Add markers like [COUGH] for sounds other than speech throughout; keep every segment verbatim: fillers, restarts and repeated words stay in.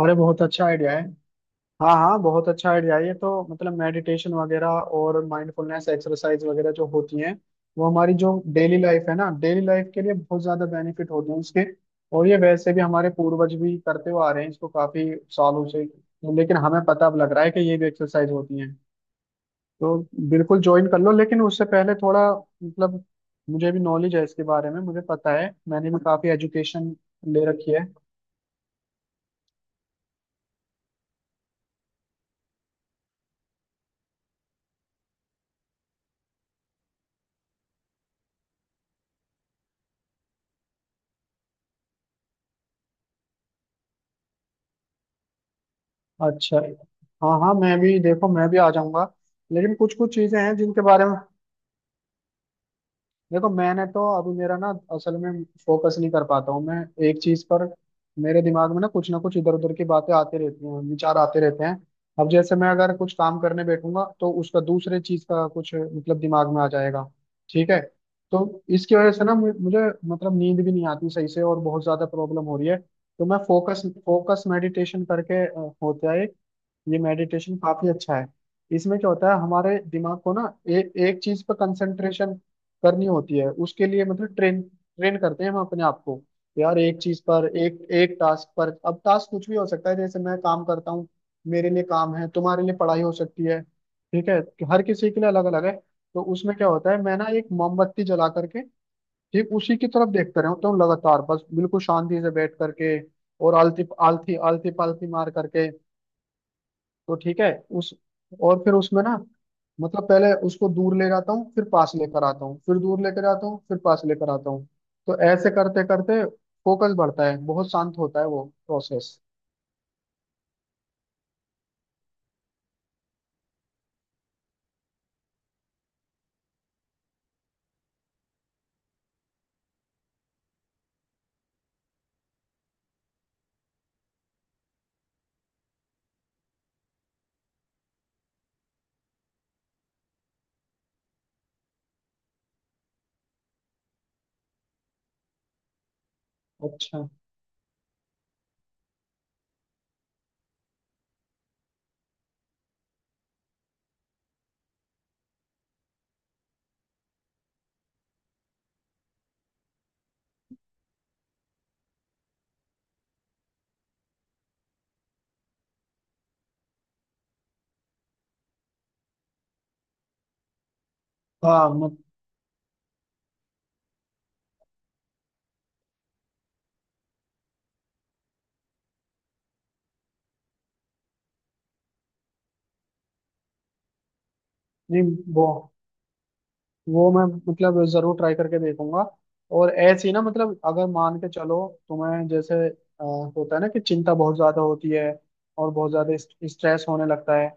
अरे बहुत अच्छा आइडिया है। हाँ हाँ, बहुत अच्छा आइडिया है। ये तो मतलब मेडिटेशन वगैरह और माइंडफुलनेस एक्सरसाइज वगैरह जो होती हैं, वो हमारी जो डेली लाइफ है ना, डेली लाइफ के लिए बहुत ज्यादा बेनिफिट होते हैं इसके। और ये वैसे भी हमारे पूर्वज भी करते हुए आ रहे हैं इसको काफी सालों से। लेकिन हमें पता अब लग रहा है कि ये भी एक्सरसाइज होती हैं। तो बिल्कुल ज्वाइन कर लो, लेकिन उससे पहले थोड़ा मतलब, मुझे भी नॉलेज है इसके बारे में, मुझे पता है, मैंने भी काफी एजुकेशन ले रखी है। अच्छा। हाँ हाँ, मैं भी, देखो मैं भी आ जाऊंगा। लेकिन कुछ कुछ चीजें हैं जिनके बारे में, देखो मैंने तो अभी, मेरा ना असल में फोकस नहीं कर पाता हूँ मैं एक चीज पर। मेरे दिमाग में ना कुछ ना कुछ इधर उधर की बातें आती रहती हैं, विचार आते रहते हैं। अब जैसे मैं अगर कुछ काम करने बैठूंगा तो उसका दूसरे चीज का कुछ मतलब दिमाग में आ जाएगा। ठीक है। तो इसकी वजह से ना मु- मुझे मतलब नींद भी नहीं आती सही से, और बहुत ज्यादा प्रॉब्लम हो रही है। तो मैं फोकस फोकस मेडिटेशन करके अ, होता है। ये मेडिटेशन काफी अच्छा है। इसमें क्या होता है, हमारे दिमाग को ना ए, एक चीज पर कंसंट्रेशन करनी होती है। उसके लिए मतलब ट्रेन ट्रेन करते हैं हम अपने आप को, यार, एक चीज पर, एक एक टास्क पर। अब टास्क कुछ भी हो सकता है, जैसे मैं काम करता हूँ, मेरे लिए काम है, तुम्हारे लिए पढ़ाई हो सकती है। ठीक है कि हर किसी के लिए अलग अलग है। तो उसमें क्या होता है, मैं ना एक मोमबत्ती जला करके ठीक उसी की तरफ देखता रहता हूँ लगातार, बस बिल्कुल शांति से बैठ करके और आलती आलती आलती पालती मार करके। तो ठीक है उस, और फिर उसमें ना मतलब पहले उसको दूर ले जाता हूँ, फिर पास लेकर आता हूँ, फिर दूर लेकर आता हूँ, फिर पास लेकर आता हूँ। तो ऐसे करते करते फोकस बढ़ता है, बहुत शांत होता है वो प्रोसेस। अच्छा। हाँ मत, नहीं वो, वो मैं मतलब जरूर ट्राई करके देखूंगा। और ऐसे ही ना, मतलब अगर मान के चलो तुम्हें जैसे अ, होता है ना कि चिंता बहुत ज्यादा होती है और बहुत ज्यादा इस- स्ट्रेस होने लगता है।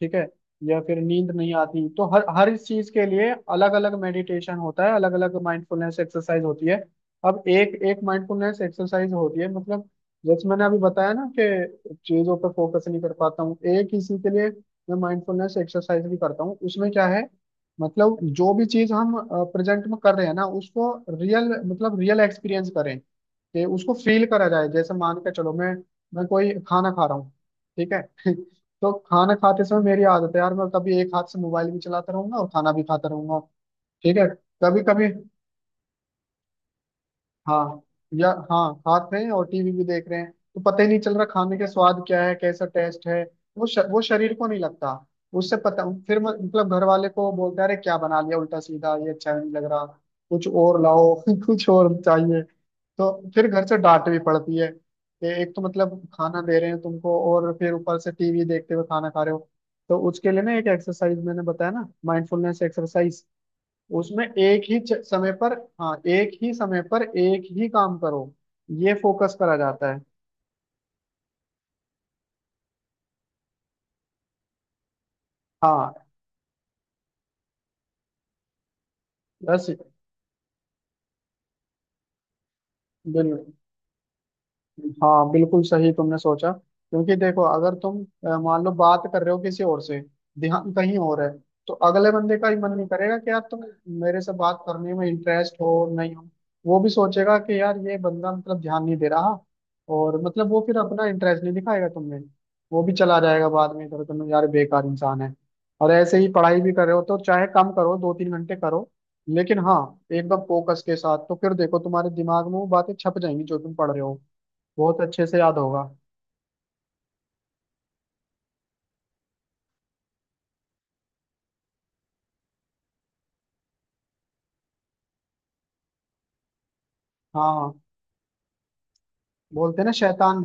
ठीक है। या फिर नींद नहीं आती, तो हर हर इस चीज के लिए अलग अलग मेडिटेशन होता है, अलग अलग माइंडफुलनेस एक्सरसाइज होती है। अब एक एक माइंडफुलनेस एक्सरसाइज होती है, मतलब जैसे मैंने अभी बताया ना कि चीजों पर फोकस नहीं कर पाता हूँ, एक इसी के लिए मैं माइंडफुलनेस एक्सरसाइज भी करता हूँ। उसमें क्या है, मतलब जो भी चीज हम प्रेजेंट में कर रहे हैं ना उसको रियल मतलब रियल एक्सपीरियंस करें, कि उसको फील करा जाए। जैसे मान के चलो, मैं मैं कोई खाना खा रहा हूँ। ठीक है। [LAUGHS] तो खाना खाते समय मेरी आदत है यार, मैं कभी एक हाथ से मोबाइल भी चलाता रहूंगा और खाना भी खाता रहूंगा। ठीक है, कभी कभी। हाँ, या हाँ, खाते हैं और टीवी भी देख रहे हैं तो पता ही नहीं चल रहा खाने के स्वाद क्या है, कैसा टेस्ट है। वो श, वो शरीर को नहीं लगता। उससे पता फिर म- मतलब घर वाले को बोलते हैं, अरे क्या बना लिया उल्टा सीधा, ये अच्छा नहीं लग रहा, कुछ और लाओ। [LAUGHS] कुछ और चाहिए। तो फिर घर से डांट भी पड़ती है कि एक तो मतलब खाना दे रहे हैं तुमको और फिर ऊपर से टीवी देखते हुए खाना खा रहे हो। तो उसके लिए ना एक एक्सरसाइज मैंने बताया ना, माइंडफुलनेस एक्सरसाइज। उसमें एक ही च- समय पर, हाँ एक ही समय पर एक ही काम करो। ये फोकस करा जाता है। हाँ। बस। बिल्कुल। हाँ बिल्कुल सही तुमने सोचा, क्योंकि देखो अगर तुम अ, मान लो बात कर रहे हो किसी और से, ध्यान कहीं और है, तो अगले बंदे का ही मन नहीं करेगा कि यार तुम मेरे से बात करने में इंटरेस्ट हो नहीं हो। वो भी सोचेगा कि यार ये बंदा मतलब ध्यान नहीं दे रहा, और मतलब वो फिर अपना इंटरेस्ट नहीं दिखाएगा तुम्हें, वो भी चला जाएगा बाद में इधर, तुम यार बेकार इंसान है। और ऐसे ही पढ़ाई भी कर रहे हो तो चाहे कम करो, दो तीन घंटे करो, लेकिन हाँ एकदम फोकस के साथ। तो फिर देखो तुम्हारे दिमाग में वो बातें छप जाएंगी जो तुम पढ़ रहे हो, बहुत अच्छे से याद होगा। हाँ, बोलते हैं ना, शैतान।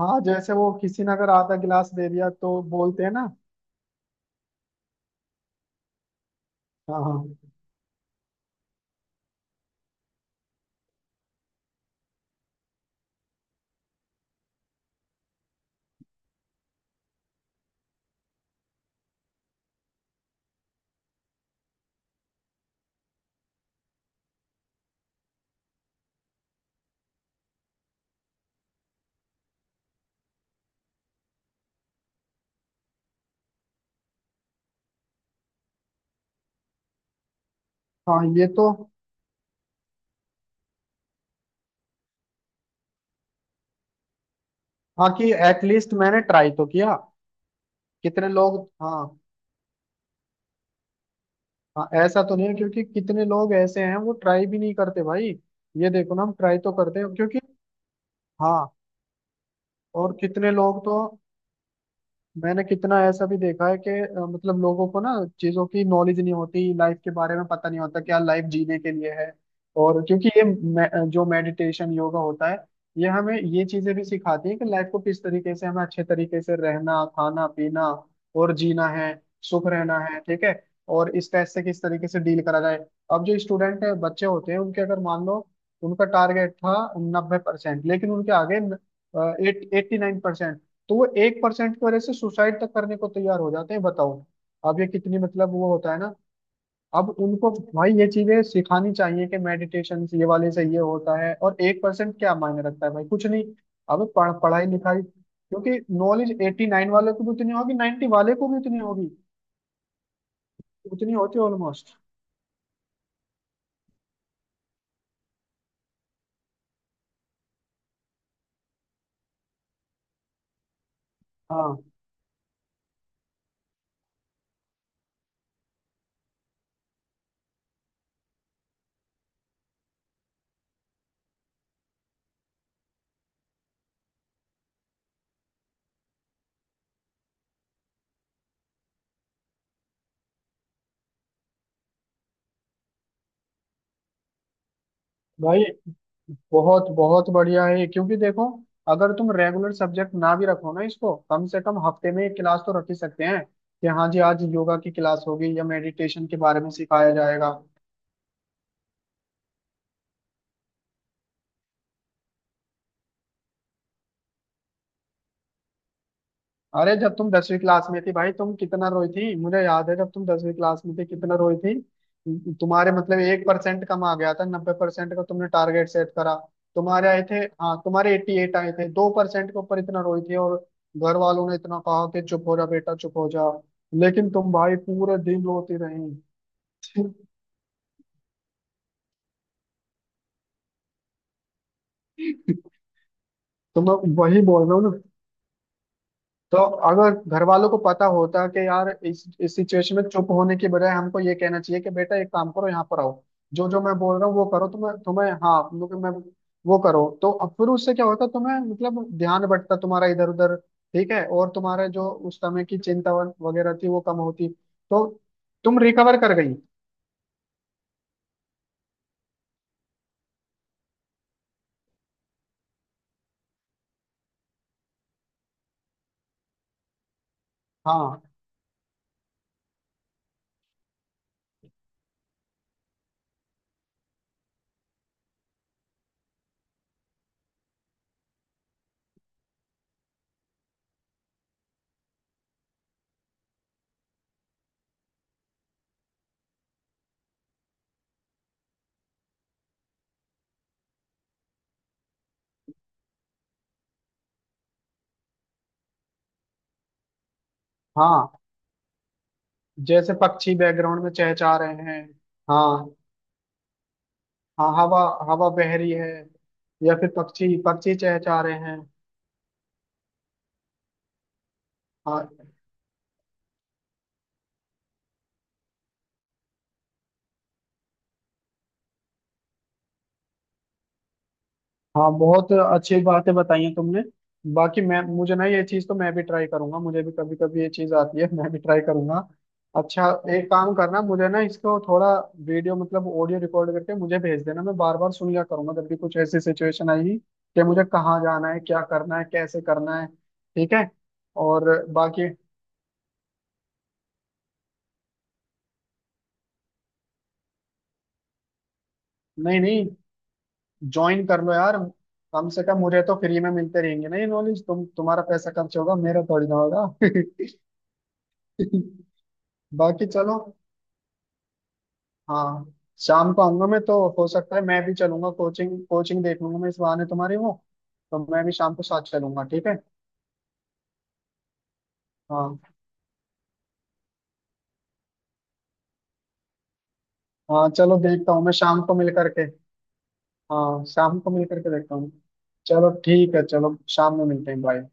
हाँ जैसे वो किसी ने अगर आधा गिलास दे दिया तो बोलते हैं ना। हाँ हाँ। हाँ ये तो, हाँ, कि एटलीस्ट मैंने ट्राई तो किया। कितने लोग। हाँ, हाँ ऐसा तो नहीं है क्योंकि कितने लोग ऐसे हैं वो ट्राई भी नहीं करते भाई। ये देखो ना, हम ट्राई तो करते हैं क्योंकि, हाँ। और कितने लोग तो, मैंने कितना ऐसा भी देखा है कि अ, मतलब लोगों को ना चीजों की नॉलेज नहीं होती, लाइफ के बारे में पता नहीं होता क्या लाइफ जीने के लिए है। और क्योंकि ये मे, जो मेडिटेशन योगा होता है, ये हमें ये चीजें भी सिखाती है कि लाइफ को किस तरीके से, हमें अच्छे तरीके से रहना, खाना पीना और जीना है, सुख रहना है। ठीक है। और स्ट्रेस से किस तरीके से डील करा जाए। अब जो स्टूडेंट है, बच्चे होते हैं उनके, अगर मान लो उनका टारगेट था नब्बे परसेंट, लेकिन उनके आगे एट्टी नाइन परसेंट। तो वो एक परसेंट की वजह से सुसाइड तक करने को तैयार हो जाते हैं, बताओ। अब ये कितनी मतलब, वो होता है ना। अब उनको भाई ये चीजें सिखानी चाहिए कि मेडिटेशन ये वाले से ये होता है, और एक परसेंट क्या मायने रखता है भाई, कुछ नहीं। अब पढ़, पढ़ाई लिखाई क्योंकि नॉलेज एट्टी नाइन वाले को भी उतनी होगी, नाइन्टी वाले को भी उतनी होगी, उतनी होती है ऑलमोस्ट। हाँ भाई, बहुत बहुत बढ़िया है ये, क्योंकि देखो अगर तुम रेगुलर सब्जेक्ट ना भी रखो ना इसको, कम से कम हफ्ते में एक क्लास तो रख ही सकते हैं कि हाँ जी आज योगा की क्लास होगी या मेडिटेशन के बारे में सिखाया जाएगा। अरे जब तुम दसवीं क्लास में थी भाई, तुम कितना रोई थी, मुझे याद है, जब तुम दसवीं क्लास में थी कितना रोई थी। तुम्हारे मतलब एक परसेंट कम आ गया था, नब्बे परसेंट का तुमने टारगेट सेट करा, तुम्हारे आए थे, हाँ तुम्हारे एट्टी एट आए थे, दो परसेंट के ऊपर इतना रोई थी। और घर वालों ने इतना कहा कि चुप हो जा बेटा, चुप हो जा, लेकिन तुम भाई पूरे दिन रोती रही। [LAUGHS] तो मैं वही बोल रहा हूँ ना। तो अगर घर वालों को पता होता कि यार इस इस सिचुएशन में चुप होने की बजाय हमको ये कहना चाहिए कि बेटा एक काम करो, यहाँ पर आओ, जो जो मैं बोल रहा हूँ वो करो। तुम्हें तुम्हें हाँ मतलब, मैं वो करो, तो अब फिर उससे क्या होता, तुम्हें मतलब ध्यान बंटता तुम्हारा इधर उधर। ठीक है, और तुम्हारा जो उस समय की चिंता व- वगैरह थी वो कम होती, तो तुम रिकवर कर गई। हाँ। हाँ जैसे पक्षी बैकग्राउंड में चहचहा रहे हैं। हाँ, हाँ, हवा, हवा बह रही है, या फिर पक्षी पक्षी चहचहा रहे हैं। हाँ, हाँ बहुत अच्छी बातें बताई हैं तुमने। बाकी मैं, मुझे ना ये चीज़ तो मैं भी ट्राई करूंगा, मुझे भी कभी कभी ये चीज़ आती है, मैं भी ट्राई करूंगा। अच्छा, एक काम करना, मुझे ना इसको थोड़ा वीडियो मतलब ऑडियो रिकॉर्ड करके मुझे भेज देना, मैं बार बार सुन लिया करूंगा जब भी कुछ ऐसी सिचुएशन आएगी, कि मुझे कहाँ जाना है, क्या करना है, कैसे करना है। ठीक है। और बाकी, नहीं नहीं, ज्वाइन कर लो यार, कम से कम मुझे तो फ्री में मिलते रहेंगे ना ये नॉलेज, तुम, तुम्हारा पैसा खर्च होगा, मेरा थोड़ी ना होगा। [LAUGHS] बाकी चलो, हाँ, शाम को आऊंगा मैं तो, हो सकता है मैं भी चलूंगा, कोचिंग कोचिंग देख लूंगा मैं, इस बहाने तुम्हारी वो। तो मैं भी शाम को साथ चलूंगा, ठीक है। हाँ। हाँ चलो, देखता हूँ मैं शाम को मिल करके। हाँ शाम को मिल करके देखता हूँ। चलो ठीक है, चलो शाम में मिलते हैं, बाय।